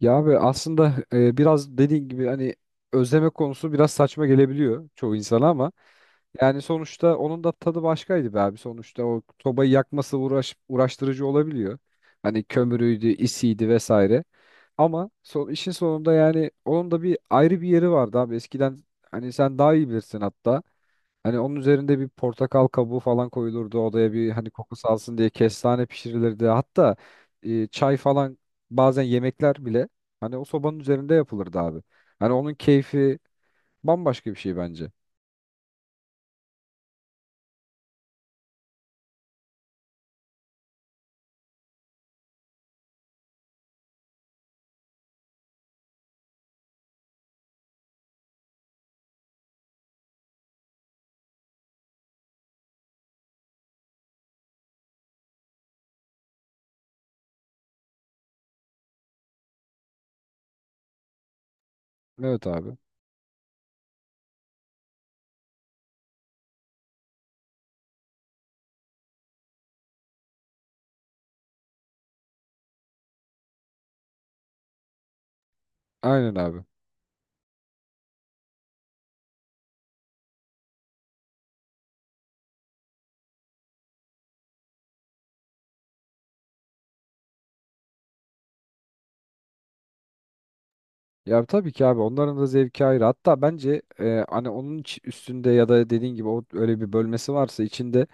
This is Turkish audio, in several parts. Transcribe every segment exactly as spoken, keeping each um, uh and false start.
Ya abi aslında e, biraz dediğin gibi hani özleme konusu biraz saçma gelebiliyor çoğu insana ama yani sonuçta onun da tadı başkaydı be abi. Sonuçta o sobayı yakması uğraş, uğraştırıcı olabiliyor. Hani kömürüydü, isiydi vesaire. Ama son, işin sonunda yani onun da bir ayrı bir yeri vardı abi. Eskiden hani sen daha iyi bilirsin hatta. Hani onun üzerinde bir portakal kabuğu falan koyulurdu odaya bir hani kokusu alsın diye kestane pişirilirdi. Hatta e, çay falan bazen yemekler bile hani o sobanın üzerinde yapılırdı abi. Hani onun keyfi bambaşka bir şey bence. Evet abi. Aynen abi. Ya tabii ki abi onların da zevki ayrı. Hatta bence e, hani onun iç- üstünde ya da dediğin gibi o öyle bir bölmesi varsa içinde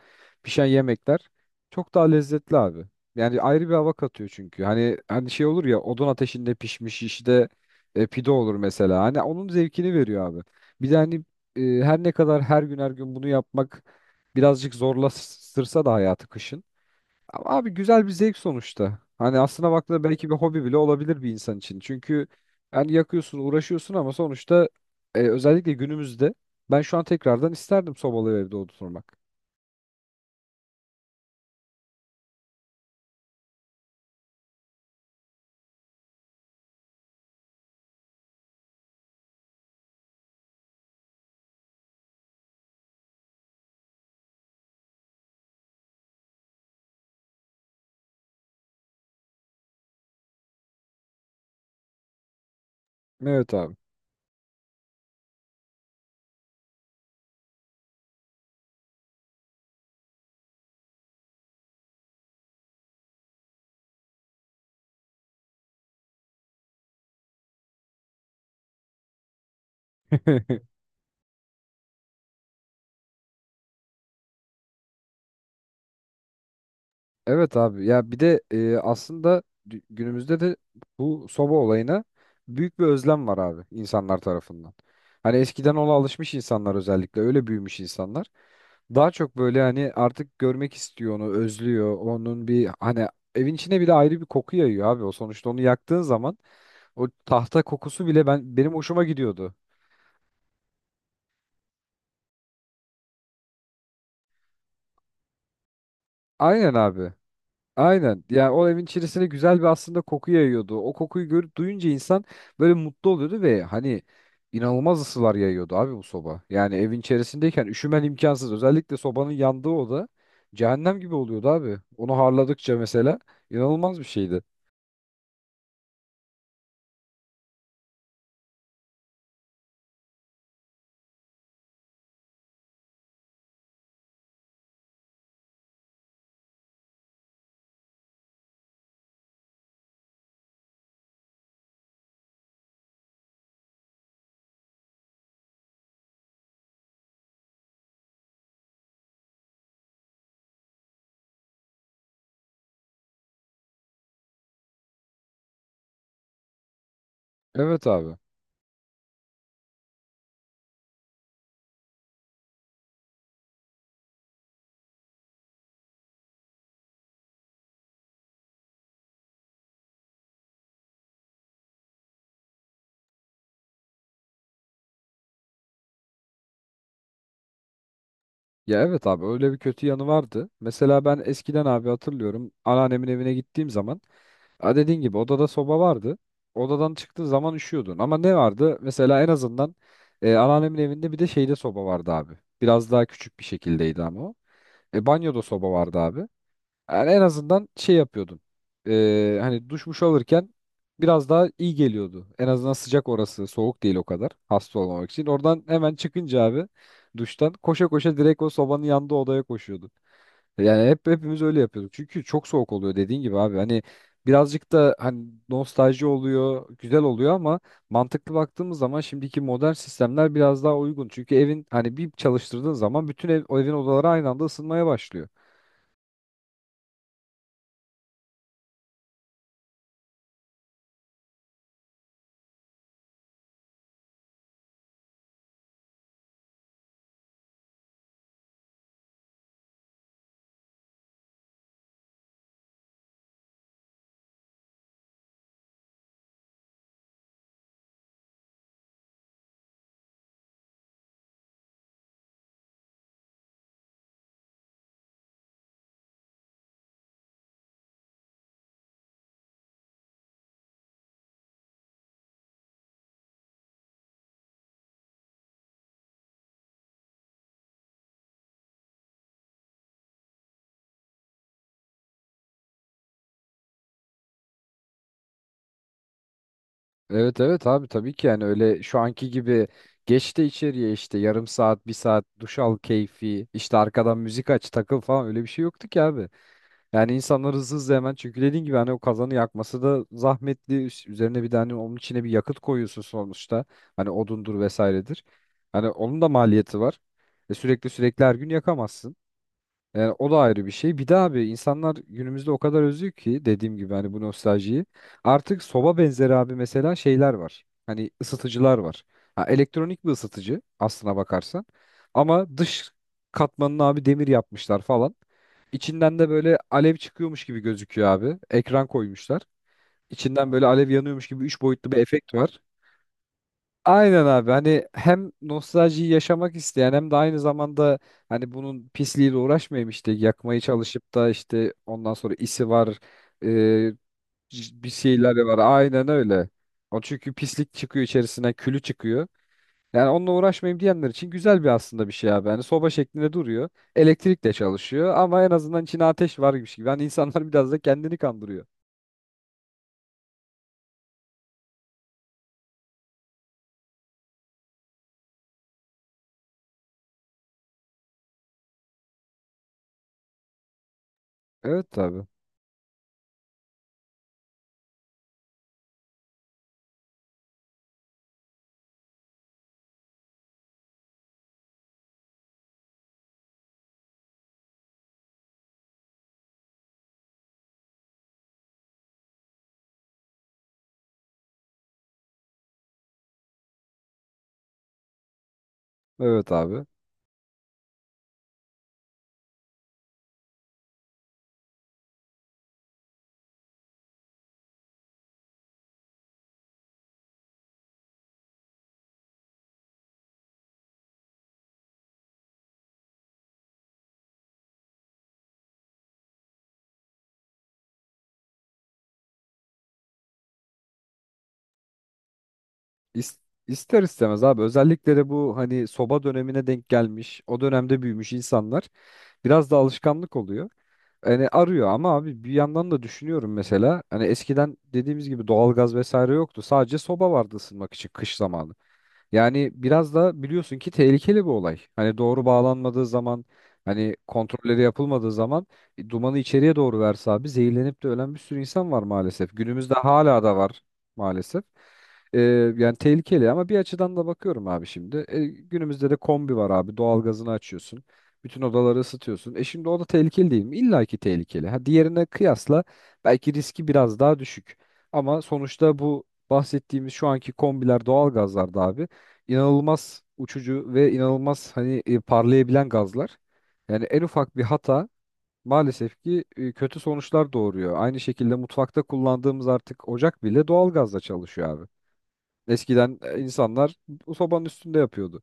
pişen yemekler çok daha lezzetli abi. Yani ayrı bir hava katıyor çünkü. Hani hani şey olur ya odun ateşinde pişmiş işte e, pide olur mesela. Hani onun zevkini veriyor abi. Bir de hani e, her ne kadar her gün her gün bunu yapmak birazcık zorlaştırsa da hayatı kışın. Ama abi güzel bir zevk sonuçta. Hani aslına baktığında belki bir hobi bile olabilir bir insan için. Çünkü yani yakıyorsun, uğraşıyorsun ama sonuçta e, özellikle günümüzde ben şu an tekrardan isterdim sobalı evde oturmak. Evet abi. Evet abi ya bir de e, aslında dü- günümüzde de bu soba olayına büyük bir özlem var abi insanlar tarafından. Hani eskiden ona alışmış insanlar özellikle öyle büyümüş insanlar. Daha çok böyle hani artık görmek istiyor onu özlüyor onun bir hani evin içine bile ayrı bir koku yayıyor abi o sonuçta onu yaktığın zaman o tahta kokusu bile ben benim hoşuma gidiyordu. Aynen abi. Aynen. Yani o evin içerisine güzel bir aslında koku yayıyordu. O kokuyu görüp duyunca insan böyle mutlu oluyordu ve hani inanılmaz ısılar yayıyordu abi bu soba. Yani evin içerisindeyken üşümen imkansız. Özellikle sobanın yandığı oda cehennem gibi oluyordu abi. Onu harladıkça mesela inanılmaz bir şeydi. Evet abi. Ya evet abi öyle bir kötü yanı vardı. Mesela ben eskiden abi hatırlıyorum anneannemin evine gittiğim zaman ha dediğin gibi odada soba vardı. Odadan çıktığın zaman üşüyordun. Ama ne vardı? Mesela en azından e, anneannemin evinde bir de şeyde soba vardı abi. Biraz daha küçük bir şekildeydi ama o. E, banyoda soba vardı abi. Yani en azından şey yapıyordun. E, hani duşmuş alırken biraz daha iyi geliyordu. En azından sıcak orası. Soğuk değil o kadar. Hasta olmamak için. Oradan hemen çıkınca abi duştan koşa koşa direkt o sobanın yanında odaya koşuyordu. Yani hep hepimiz öyle yapıyorduk. Çünkü çok soğuk oluyor dediğin gibi abi. Hani birazcık da hani nostalji oluyor, güzel oluyor ama mantıklı baktığımız zaman şimdiki modern sistemler biraz daha uygun. Çünkü evin hani bir çalıştırdığın zaman bütün ev, o evin odaları aynı anda ısınmaya başlıyor. Evet evet abi tabii ki yani öyle şu anki gibi geç de içeriye işte yarım saat, bir saat duş al keyfi, işte arkadan müzik aç takıl falan öyle bir şey yoktu ki abi. Yani insanlar hızlı hızlı hemen çünkü dediğin gibi hani o kazanı yakması da zahmetli. Üst- Üzerine bir tane onun içine bir yakıt koyuyorsun sonuçta. Hani odundur vesairedir. Hani onun da maliyeti var. E sürekli sürekli her gün yakamazsın. Yani o da ayrı bir şey. Bir de abi insanlar günümüzde o kadar özlüyor ki dediğim gibi hani bu nostaljiyi. Artık soba benzeri abi mesela şeyler var. Hani ısıtıcılar var. Ha, elektronik bir ısıtıcı aslına bakarsan. Ama dış katmanını abi demir yapmışlar falan. İçinden de böyle alev çıkıyormuş gibi gözüküyor abi. Ekran koymuşlar. İçinden böyle alev yanıyormuş gibi üç boyutlu bir efekt var. Aynen abi hani hem nostaljiyi yaşamak isteyen hem de aynı zamanda hani bunun pisliğiyle uğraşmayayım işte yakmayı çalışıp da işte ondan sonra isi var e, c- bir şeyler var aynen öyle. O çünkü pislik çıkıyor içerisinden külü çıkıyor. Yani onunla uğraşmayayım diyenler için güzel bir aslında bir şey abi. Hani soba şeklinde duruyor. Elektrikle çalışıyor ama en azından içine ateş varmış gibi. Hani insanlar biraz da kendini kandırıyor. Evet abi. Evet abi. İs- ister istemez abi özellikle de bu hani soba dönemine denk gelmiş o dönemde büyümüş insanlar biraz da alışkanlık oluyor. Hani arıyor ama abi bir yandan da düşünüyorum mesela hani eskiden dediğimiz gibi doğalgaz vesaire yoktu sadece soba vardı ısınmak için kış zamanı. Yani biraz da biliyorsun ki tehlikeli bir olay. Hani doğru bağlanmadığı zaman, hani kontrolleri yapılmadığı zaman e, dumanı içeriye doğru verse abi zehirlenip de ölen bir sürü insan var maalesef. Günümüzde hala da var maalesef. E, Yani tehlikeli ama bir açıdan da bakıyorum abi şimdi. E, günümüzde de kombi var abi. Doğalgazını açıyorsun. Bütün odaları ısıtıyorsun. E şimdi o da tehlikeli değil mi? İlla ki tehlikeli. Ha, diğerine kıyasla belki riski biraz daha düşük. Ama sonuçta bu bahsettiğimiz şu anki kombiler, doğalgazlar da abi inanılmaz uçucu ve inanılmaz hani e, parlayabilen gazlar. Yani en ufak bir hata maalesef ki e, kötü sonuçlar doğuruyor. Aynı şekilde mutfakta kullandığımız artık ocak bile doğalgazla çalışıyor abi. Eskiden e, insanlar bu sobanın üstünde yapıyordu.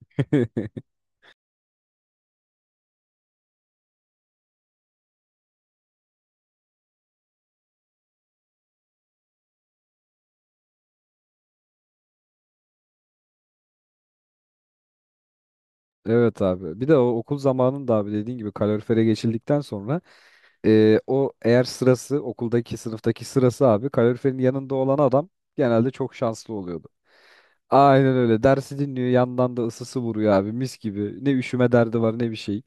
Evet abi. Bir de o okul zamanında abi dediğin gibi kalorifere geçildikten sonra e, o eğer sırası okuldaki sınıftaki sırası abi kaloriferin yanında olan adam genelde çok şanslı oluyordu. Aynen öyle. Dersi dinliyor. Yandan da ısısı vuruyor abi. Mis gibi. Ne üşüme derdi var ne bir şey.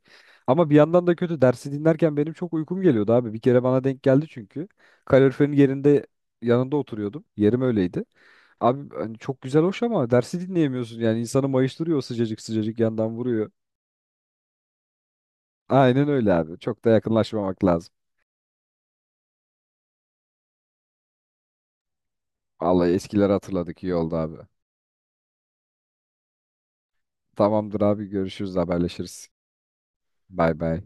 Ama bir yandan da kötü. Dersi dinlerken benim çok uykum geliyordu abi. Bir kere bana denk geldi çünkü. Kaloriferin yerinde yanında oturuyordum. Yerim öyleydi. Abi hani çok güzel hoş ama dersi dinleyemiyorsun. Yani insanı mayıştırıyor o sıcacık sıcacık yandan vuruyor. Aynen öyle abi. Çok da yakınlaşmamak lazım. Vallahi eskileri hatırladık iyi oldu abi. Tamamdır abi görüşürüz haberleşiriz. Bay bay.